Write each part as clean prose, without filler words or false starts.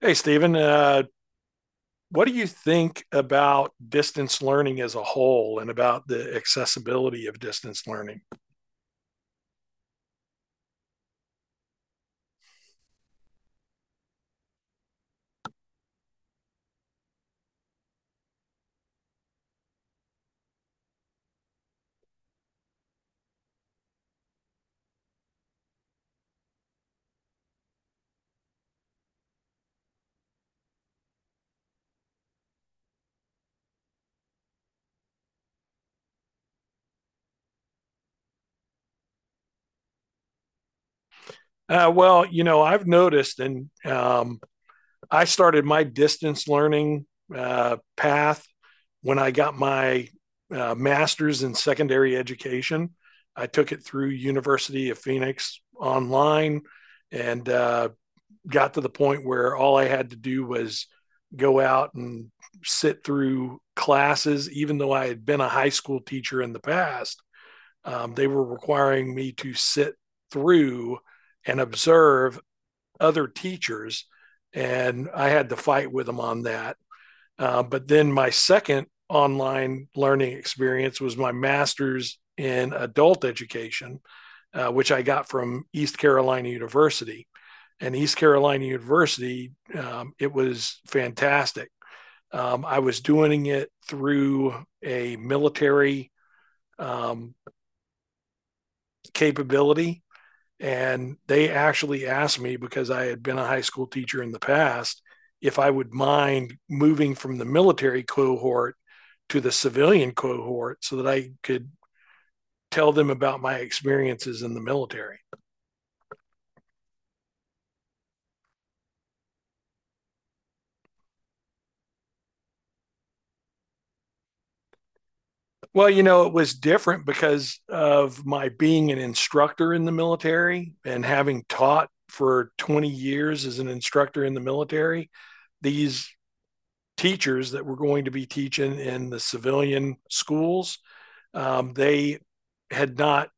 Hey, Stephen, what do you think about distance learning as a whole and about the accessibility of distance learning? Well, you know, I've noticed, and I started my distance learning path when I got my master's in secondary education. I took it through University of Phoenix online, and got to the point where all I had to do was go out and sit through classes, even though I had been a high school teacher in the past. They were requiring me to sit through and observe other teachers, and I had to fight with them on that. But then my second online learning experience was my master's in adult education, which I got from East Carolina University and East Carolina University, it was fantastic. I was doing it through a military um, capability, and they actually asked me because I had been a high school teacher in the past if I would mind moving from the military cohort to the civilian cohort so that I could tell them about my experiences in the military. Well, you know, it was different because of my being an instructor in the military and having taught for 20 years as an instructor in the military. These teachers that were going to be teaching in the civilian schools, they had not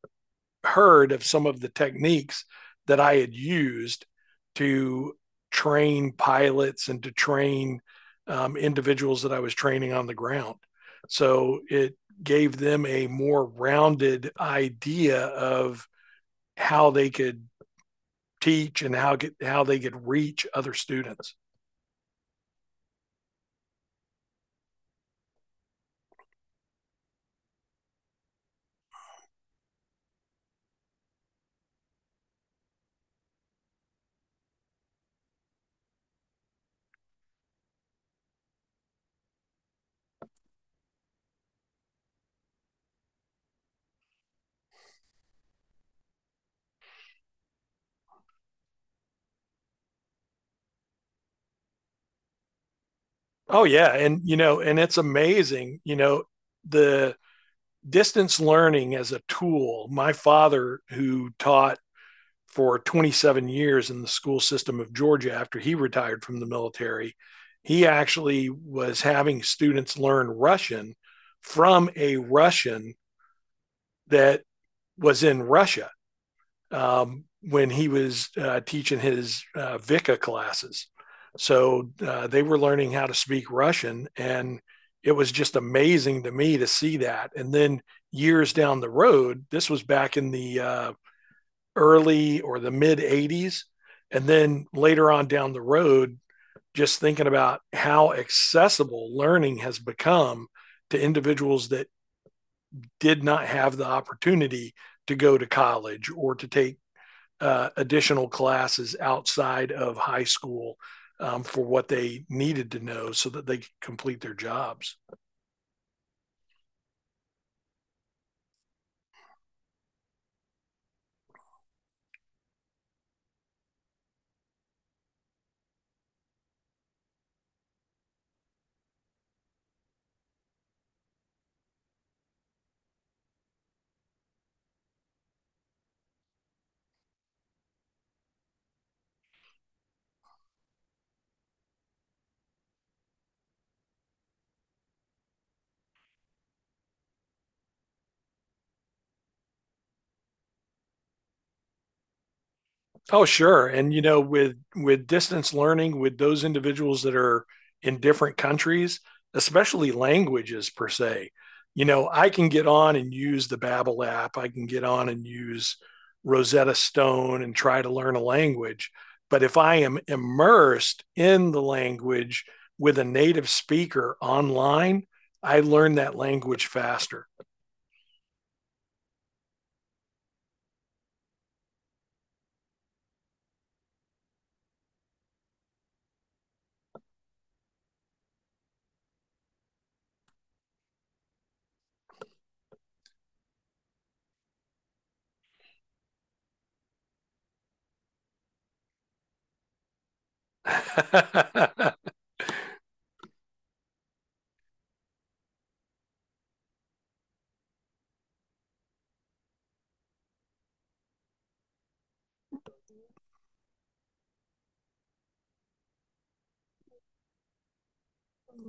heard of some of the techniques that I had used to train pilots and to train individuals that I was training on the ground. So it gave them a more rounded idea of how they could teach and how they could reach other students. Oh yeah, and you know, and it's amazing, you know, the distance learning as a tool. My father who taught for 27 years in the school system of Georgia after he retired from the military. He actually was having students learn Russian from a Russian that was in Russia when he was teaching his VICA classes. So they were learning how to speak Russian. And it was just amazing to me to see that. And then years down the road, this was back in the early or the mid 80s. And then later on down the road, just thinking about how accessible learning has become to individuals that did not have the opportunity to go to college or to take additional classes outside of high school for what they needed to know so that they could complete their jobs. Oh, sure. And you know, with distance learning, with those individuals that are in different countries, especially languages per se, you know, I can get on and use the Babbel app. I can get on and use Rosetta Stone and try to learn a language. But if I am immersed in the language with a native speaker online, I learn that language faster.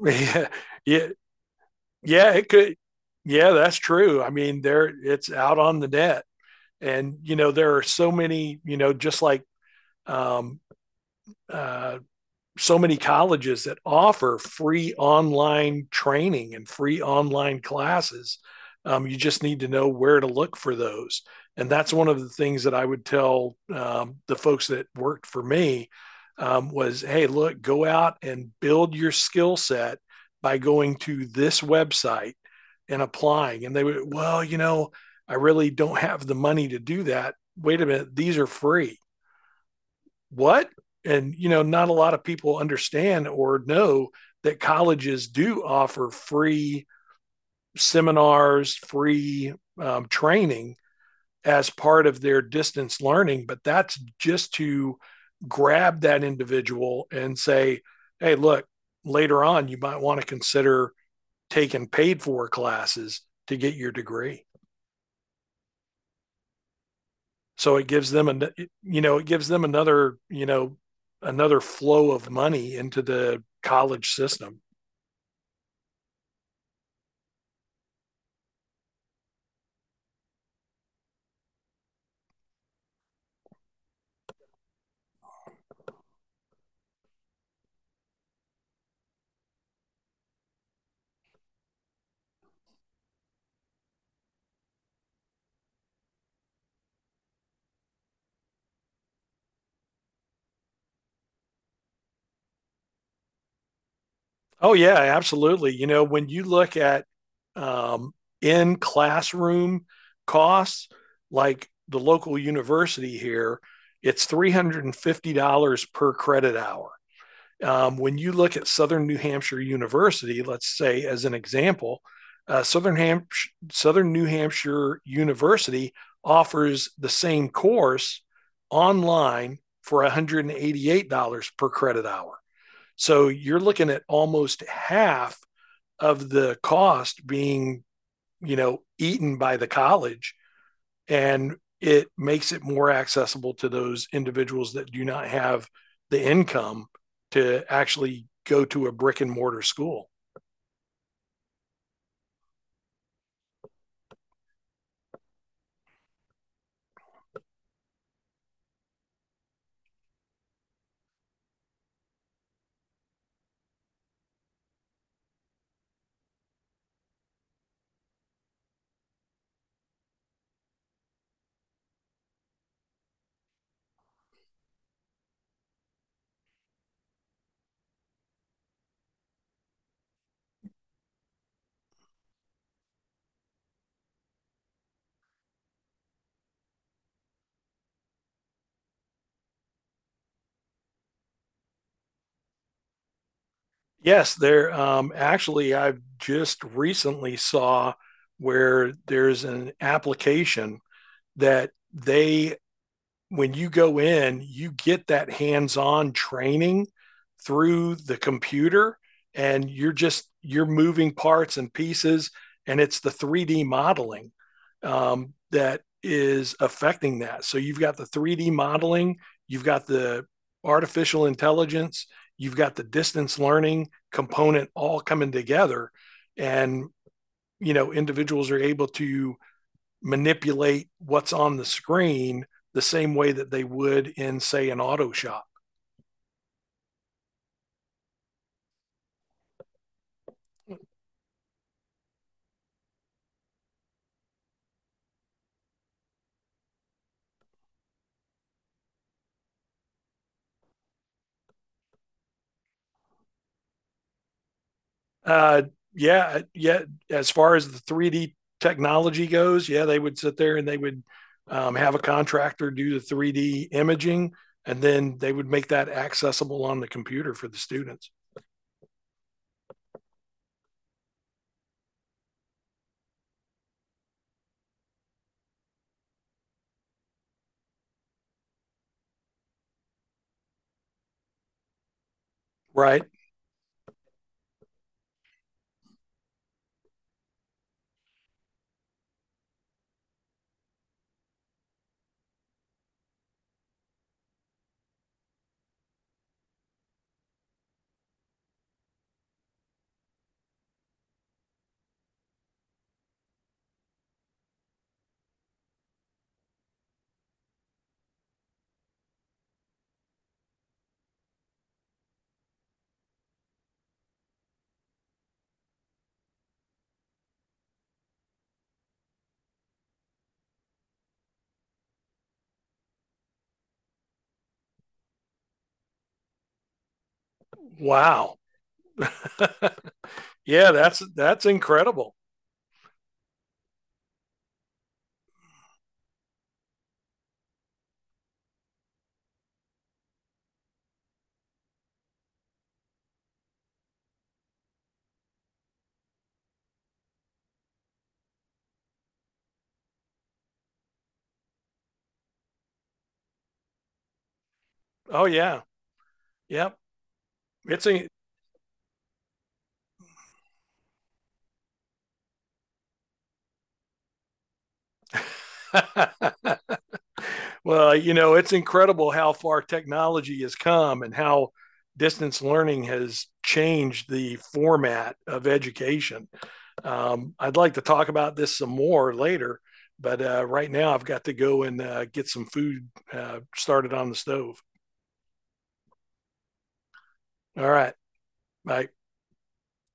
Yeah, yeah, yeah, it could. Yeah, that's true. I mean, there it's out on the net, and you know there are so many. You know, just like um, uh, so many colleges that offer free online training and free online classes. You just need to know where to look for those. And that's one of the things that I would tell the folks that worked for me was, hey, look, go out and build your skill set by going to this website and applying. And they would, well, you know, I really don't have the money to do that. Wait a minute, these are free what? And, you know, not a lot of people understand or know that colleges do offer free seminars, free training as part of their distance learning, but that's just to grab that individual and say, hey, look, later on, you might want to consider taking paid for classes to get your degree. So it gives them an you know it gives them another another flow of money into the college system. Oh yeah, absolutely. You know when you look at um, in classroom costs, like the local university here, it's $350 per credit hour. When you look at Southern New Hampshire University, let's say as an example, uh, Southern, Ham- Southern New Hampshire University offers the same course online for $188 per credit hour. So you're looking at almost half of the cost being, you know, eaten by the college and it makes it more accessible to those individuals that do not have the income to actually go to a brick and mortar school. Yes, there actually I've just recently saw where there's an application that they when you go in, you get that hands-on training through the computer and you're moving parts and pieces and it's the 3D modeling that is affecting that. So you've got the 3D modeling, you've got the artificial intelligence, you've got the distance learning component all coming together and you know individuals are able to manipulate what's on the screen the same way that they would in, say, an auto shop. Uh, yeah, yeah. As far as the 3D technology goes, yeah, they would sit there and they would have a contractor do the 3D imaging, and then they would make that accessible on the computer for the students. Right. Wow. Yeah, that's incredible. Oh yeah. Yep. It's a Well, you know, it's incredible how far technology has come and how distance learning has changed the format of education. I'd like to talk about this some more later, but right now I've got to go and get some food started on the stove. All right. Bye.